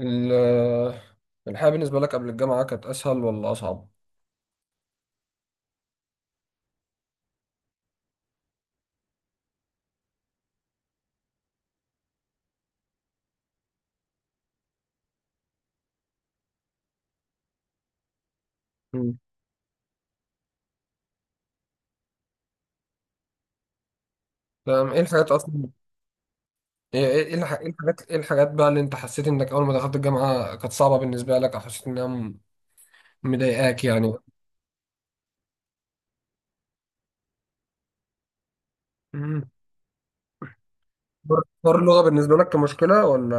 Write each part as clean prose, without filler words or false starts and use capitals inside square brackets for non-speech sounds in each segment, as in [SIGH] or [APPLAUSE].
ال- الحياة بالنسبة لك قبل الجامعة كانت أسهل ولا أصعب؟ مم. تمام. إيه الحاجات أصلا؟ إيه إيه الحاجات بقى اللي أنت حسيت إنك أول ما دخلت الجامعة كانت صعبة بالنسبة لك، أو حسيت إنها مضايقاك يعني؟ مم. حوار اللغة بالنسبة لك كمشكلة، ولا؟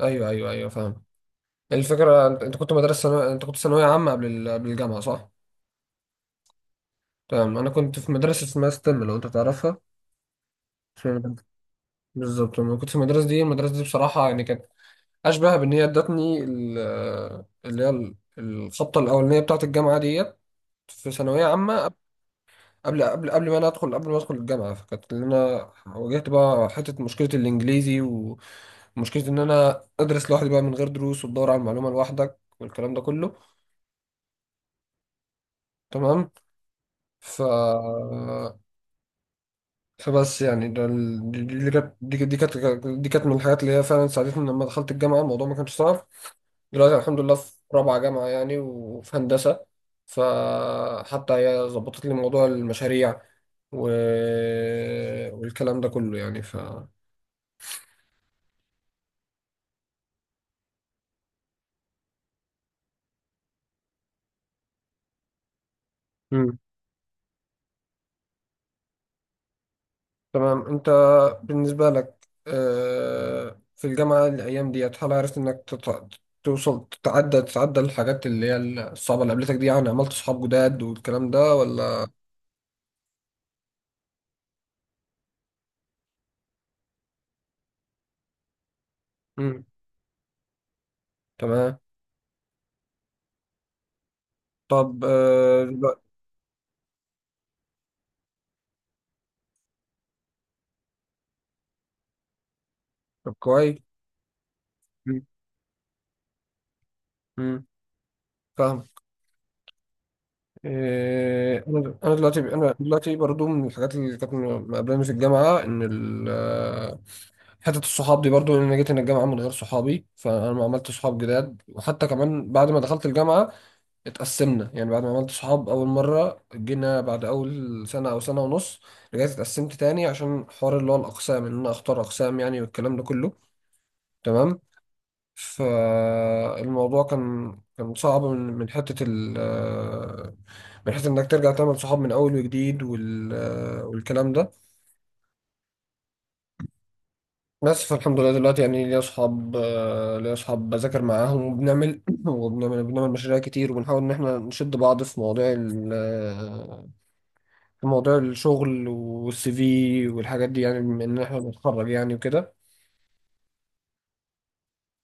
أيوه، أيوه، أيوه، فاهم. الفكرة، أنت أنت كنت ثانوية عامة قبل الجامعة، صح؟ تمام. أنا كنت في مدرسة اسمها ستيم، لو أنت تعرفها. اسمها بالظبط. أنا كنت في المدرسة دي. المدرسة دي بصراحة يعني كانت اشبه بان هي ادتني الخبطه الاولانيه بتاعه الجامعه ديت في ثانويه عامه. قبل ما ادخل الجامعه، فكانت اللي انا واجهت بقى حته مشكله الانجليزي، ومشكله ان انا ادرس لوحدي بقى من غير دروس، وتدور على المعلومه لوحدك والكلام ده كله. تمام. ف فبس يعني دي كانت من الحاجات اللي هي فعلا ساعدتني لما دخلت الجامعة، الموضوع ما كانش صعب. دلوقتي الحمد لله في رابعة جامعة يعني، وفي هندسة. فحتى هي ظبطت لي موضوع المشاريع و... والكلام ده كله يعني. مم. تمام. انت بالنسبة لك، في الجامعة الأيام ديت، هل عرفت انك توصل تتعدى الحاجات اللي هي الصعبة اللي قابلتك دي؟ يعني عملت صحاب جداد والكلام ده، ولا؟ تمام. طب دلوقتي. طب كويس. مم. مم. فاهم. آه انا انا دلوقتي برضو من الحاجات اللي كانت مقابلاني في الجامعه، ان حته الصحاب دي برضو، إن انا جيت هنا الجامعه من غير صحابي، فانا ما عملت صحاب جداد. وحتى كمان بعد ما دخلت الجامعه اتقسمنا يعني. بعد ما عملت صحاب اول مره، جينا بعد اول سنه او سنه ونص رجعت اتقسمت تاني، عشان حوار اللي هو الاقسام، ان انا اختار اقسام يعني والكلام ده كله. تمام. فالموضوع كان صعب من حتة إنك ترجع تعمل صحاب من أول وجديد والكلام ده. بس فالحمد لله دلوقتي يعني ليا صحاب، ليا صحاب بذاكر معاهم، وبنعمل [CLEARS THROAT] وبنعمل مشاريع كتير، وبنحاول إن إحنا نشد بعض في مواضيع ال في مواضيع الشغل والـCV والحاجات دي، يعني بما إن إحنا بنتخرج يعني وكده.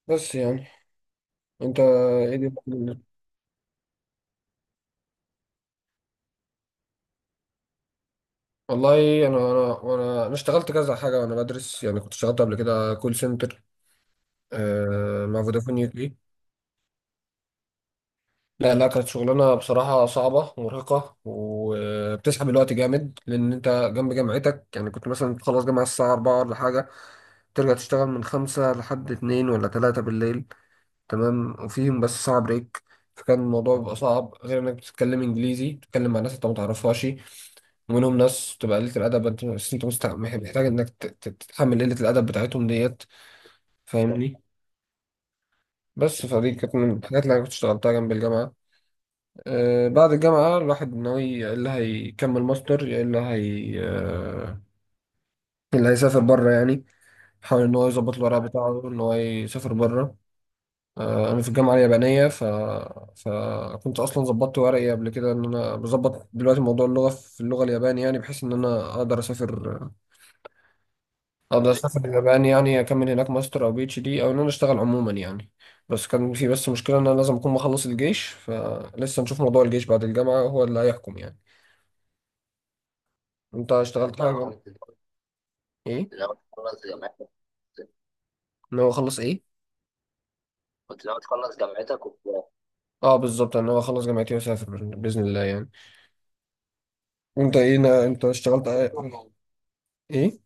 بس يعني. أنت إيه دي؟ والله انا انا وانا انا اشتغلت كذا حاجه وانا بدرس، يعني كنت اشتغلت قبل كده كول سنتر مع فودافون UK. لا لا، كانت شغلانه بصراحه صعبه ومرهقه وبتسحب الوقت جامد، لان انت جنب جامعتك، يعني كنت مثلا تخلص جامعه الساعه 4 ولا حاجه، ترجع تشتغل من 5 لحد 2 ولا 3 بالليل. تمام. وفيهم بس ساعة بريك. فكان الموضوع بيبقى صعب، غير انك بتتكلم انجليزي، بتتكلم مع ناس انت ما تعرفهاش، ومنهم ناس تبقى قلة الأدب، أنت بس أنت محتاج إنك تتحمل قلة الأدب بتاعتهم ديت. فاهمني. بس فدي كانت من الحاجات اللي أنا كنت اشتغلتها جنب الجامعة. آه، بعد الجامعة الواحد ناوي يا إلا هيكمل ماستر، يا إلا هي آه اللي هيسافر بره يعني، حاول إن هو يظبط الورق بتاعه إن هو يسافر بره. انا في الجامعه اليابانيه فكنت اصلا ظبطت ورقي قبل كده، ان انا بظبط دلوقتي موضوع اللغه في اللغه الياباني، يعني بحيث ان انا اقدر اسافر اليابان يعني، اكمل هناك ماستر او PhD، او ان انا اشتغل عموما يعني. بس كان في مشكله ان انا لازم اكون مخلص الجيش، فلسه نشوف موضوع الجيش بعد الجامعه هو اللي هيحكم يعني. انت اشتغلت حاجه؟ ايه؟ ان هو اخلص ايه؟ اه بالظبط، ان هو اخلص جامعتي واسافر باذن الله يعني. وانت ايه؟ انت اشتغلت ايه؟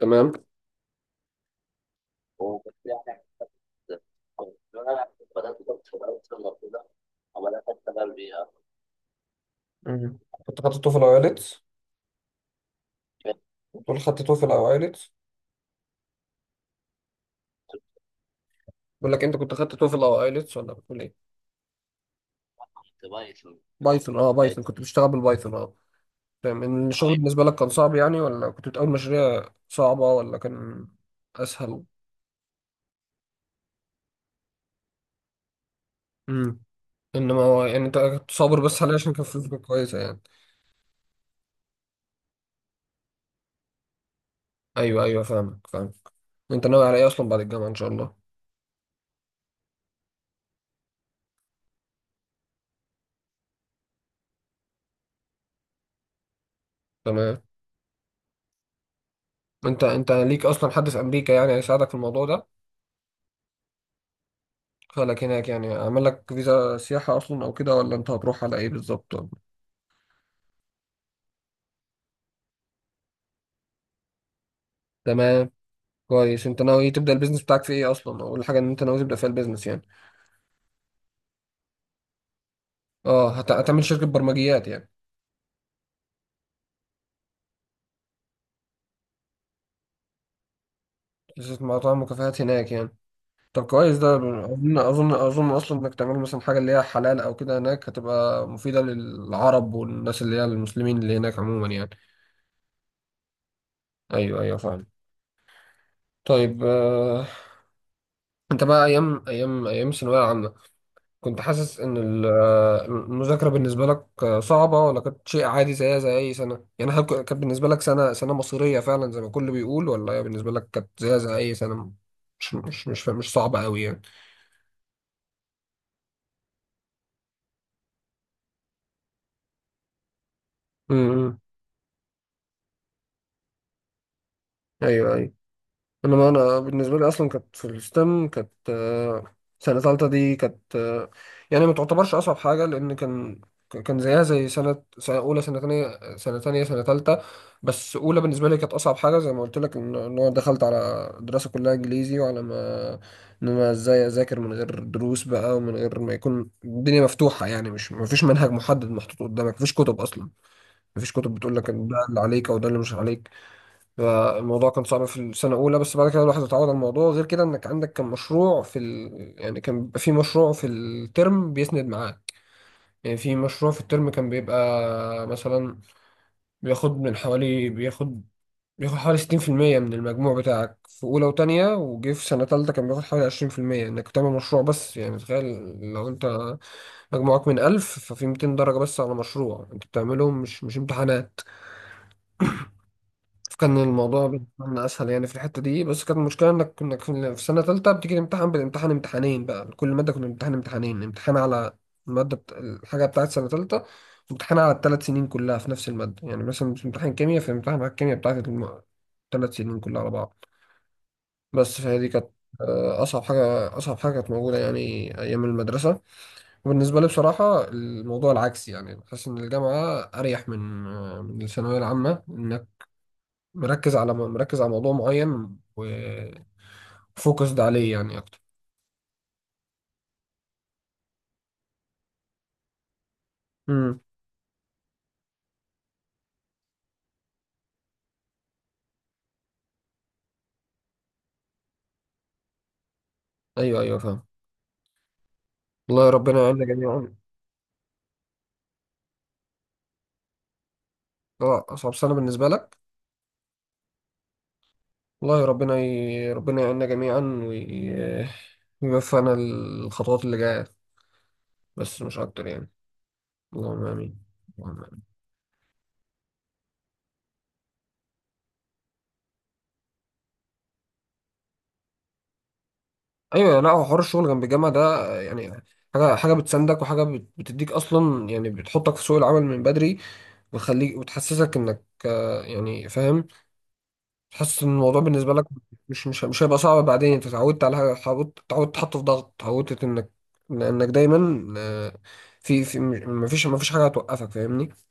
تمام. مم. كنت خدت توفل او ايلتس؟ بتقول خدت توفل او ايلتس؟ بقول لك، انت كنت خدت توفل او ايلتس ولا بتقول ايه؟ بايثون؟ اه بايثون، كنت بشتغل بالبايثون، اه. تمام. إن الشغل بالنسبه لك كان صعب يعني؟ ولا كنت بتقول مشاريع صعبه؟ ولا كان اسهل؟ امم. انما هو يعني انت كنت صابر بس عليه عشان كان فلوسك كويسه يعني. ايوه، ايوه، فاهمك، فاهمك. انت ناوي على ايه اصلا بعد الجامعه ان شاء الله؟ تمام. انت ليك اصلا حد في امريكا يعني هيساعدك في الموضوع ده؟ خلك هناك يعني، عمل لك فيزا سياحه اصلا او كده، ولا انت هتروح على ايه بالظبط؟ تمام كويس. انت ناوي تبدا البيزنس بتاعك في ايه اصلا؟ اول حاجه ان انت ناوي تبدا فيها البيزنس يعني؟ اه، هتعمل شركه برمجيات يعني؟ شركه مطاعم وكافيهات هناك يعني؟ طب كويس ده. اظن اصلا انك تعمل مثلا حاجه اللي هي حلال او كده، هناك هتبقى مفيده للعرب والناس اللي هي المسلمين اللي هناك عموما يعني. ايوه، ايوه، فاهم. طيب. انت بقى ايام ايام ثانويه عامه كنت حاسس ان المذاكره بالنسبه لك صعبه، ولا كانت شيء عادي زيها زي اي سنه يعني؟ هل كانت بالنسبه لك سنه مصيريه فعلا زي ما الكل بيقول، ولا هي بالنسبه لك كانت زيها زي اي سنه، مش صعبه قوي يعني؟ امم. ايوه، ايوه. انما انا بالنسبه لي اصلا كانت في الستم، كانت سنه ثالثه دي كانت، يعني ما تعتبرش اصعب حاجه، لان كان زيها زي سنه، سنه اولى، سنه ثانيه، سنه ثالثه. بس اولى بالنسبه لي كانت اصعب حاجه، زي ما قلت لك، إن انا دخلت على دراسه كلها انجليزي، وعلى ما ان انا ازاي اذاكر من غير دروس بقى، ومن غير ما يكون الدنيا مفتوحه يعني، مش ما فيش منهج محدد محطوط قدامك، ما فيش كتب اصلا، ما فيش كتب بتقول لك إن ده اللي عليك او ده اللي مش عليك. فالموضوع كان صعب في السنة الأولى، بس بعد كده الواحد اتعود على الموضوع. غير كده إنك عندك كان مشروع في يعني كان بيبقى في مشروع في الترم بيسند معاك، يعني في مشروع في الترم كان بيبقى مثلا بياخد من حوالي بياخد بياخد حوالي 60% من المجموع بتاعك في أولى وتانية، وجه في سنة تالتة كان بياخد حوالي 20% إنك تعمل مشروع بس، يعني تخيل لو أنت مجموعك من 1000، ففي 200 درجة بس على مشروع أنت بتعملهم، مش مش امتحانات. كان الموضوع بالنسبة لنا أسهل يعني في الحتة دي. بس كانت المشكلة إنك كنا في سنة تالتة بتيجي تمتحن امتحانين بقى لكل مادة، كنا بنمتحن امتحانين، امتحان على الحاجة بتاعت سنة تالتة، امتحان على الـ3 سنين كلها في نفس المادة. يعني مثلا مش امتحان كيمياء، في امتحان على الكيمياء بتاعت الـ3 سنين كلها على بعض. بس فهي دي كانت أصعب حاجة. أصعب حاجة كانت موجودة يعني أيام المدرسة. وبالنسبة لي بصراحة الموضوع العكسي، يعني بحس إن الجامعة أريح من الثانوية العامة، إن مركز على موضوع معين وفوكسد عليه يعني اكتر. امم. ايوه، ايوه، فاهم. والله ربنا يعيننا جميعا. اه، اصعب سنه بالنسبه لك. والله ربنا يعيننا جميعا، وي- ويوفقنا الخطوات اللي جايه بس، مش اكتر يعني. اللهم امين. اللهم آمين. ايوه. لا هو حوار الشغل جنب الجامعه ده يعني، حاجه بتساندك، وحاجه بتديك اصلا يعني، بتحطك في سوق العمل من بدري، وتخليك وتحسسك انك، يعني فاهم، تحس ان الموضوع بالنسبه لك مش هيبقى صعب بعدين. انت اتعودت على حاجه، اتعودت تتحط في ضغط، اتعودت انك، لانك دايما في في مفيش حاجه هتوقفك، فاهمني.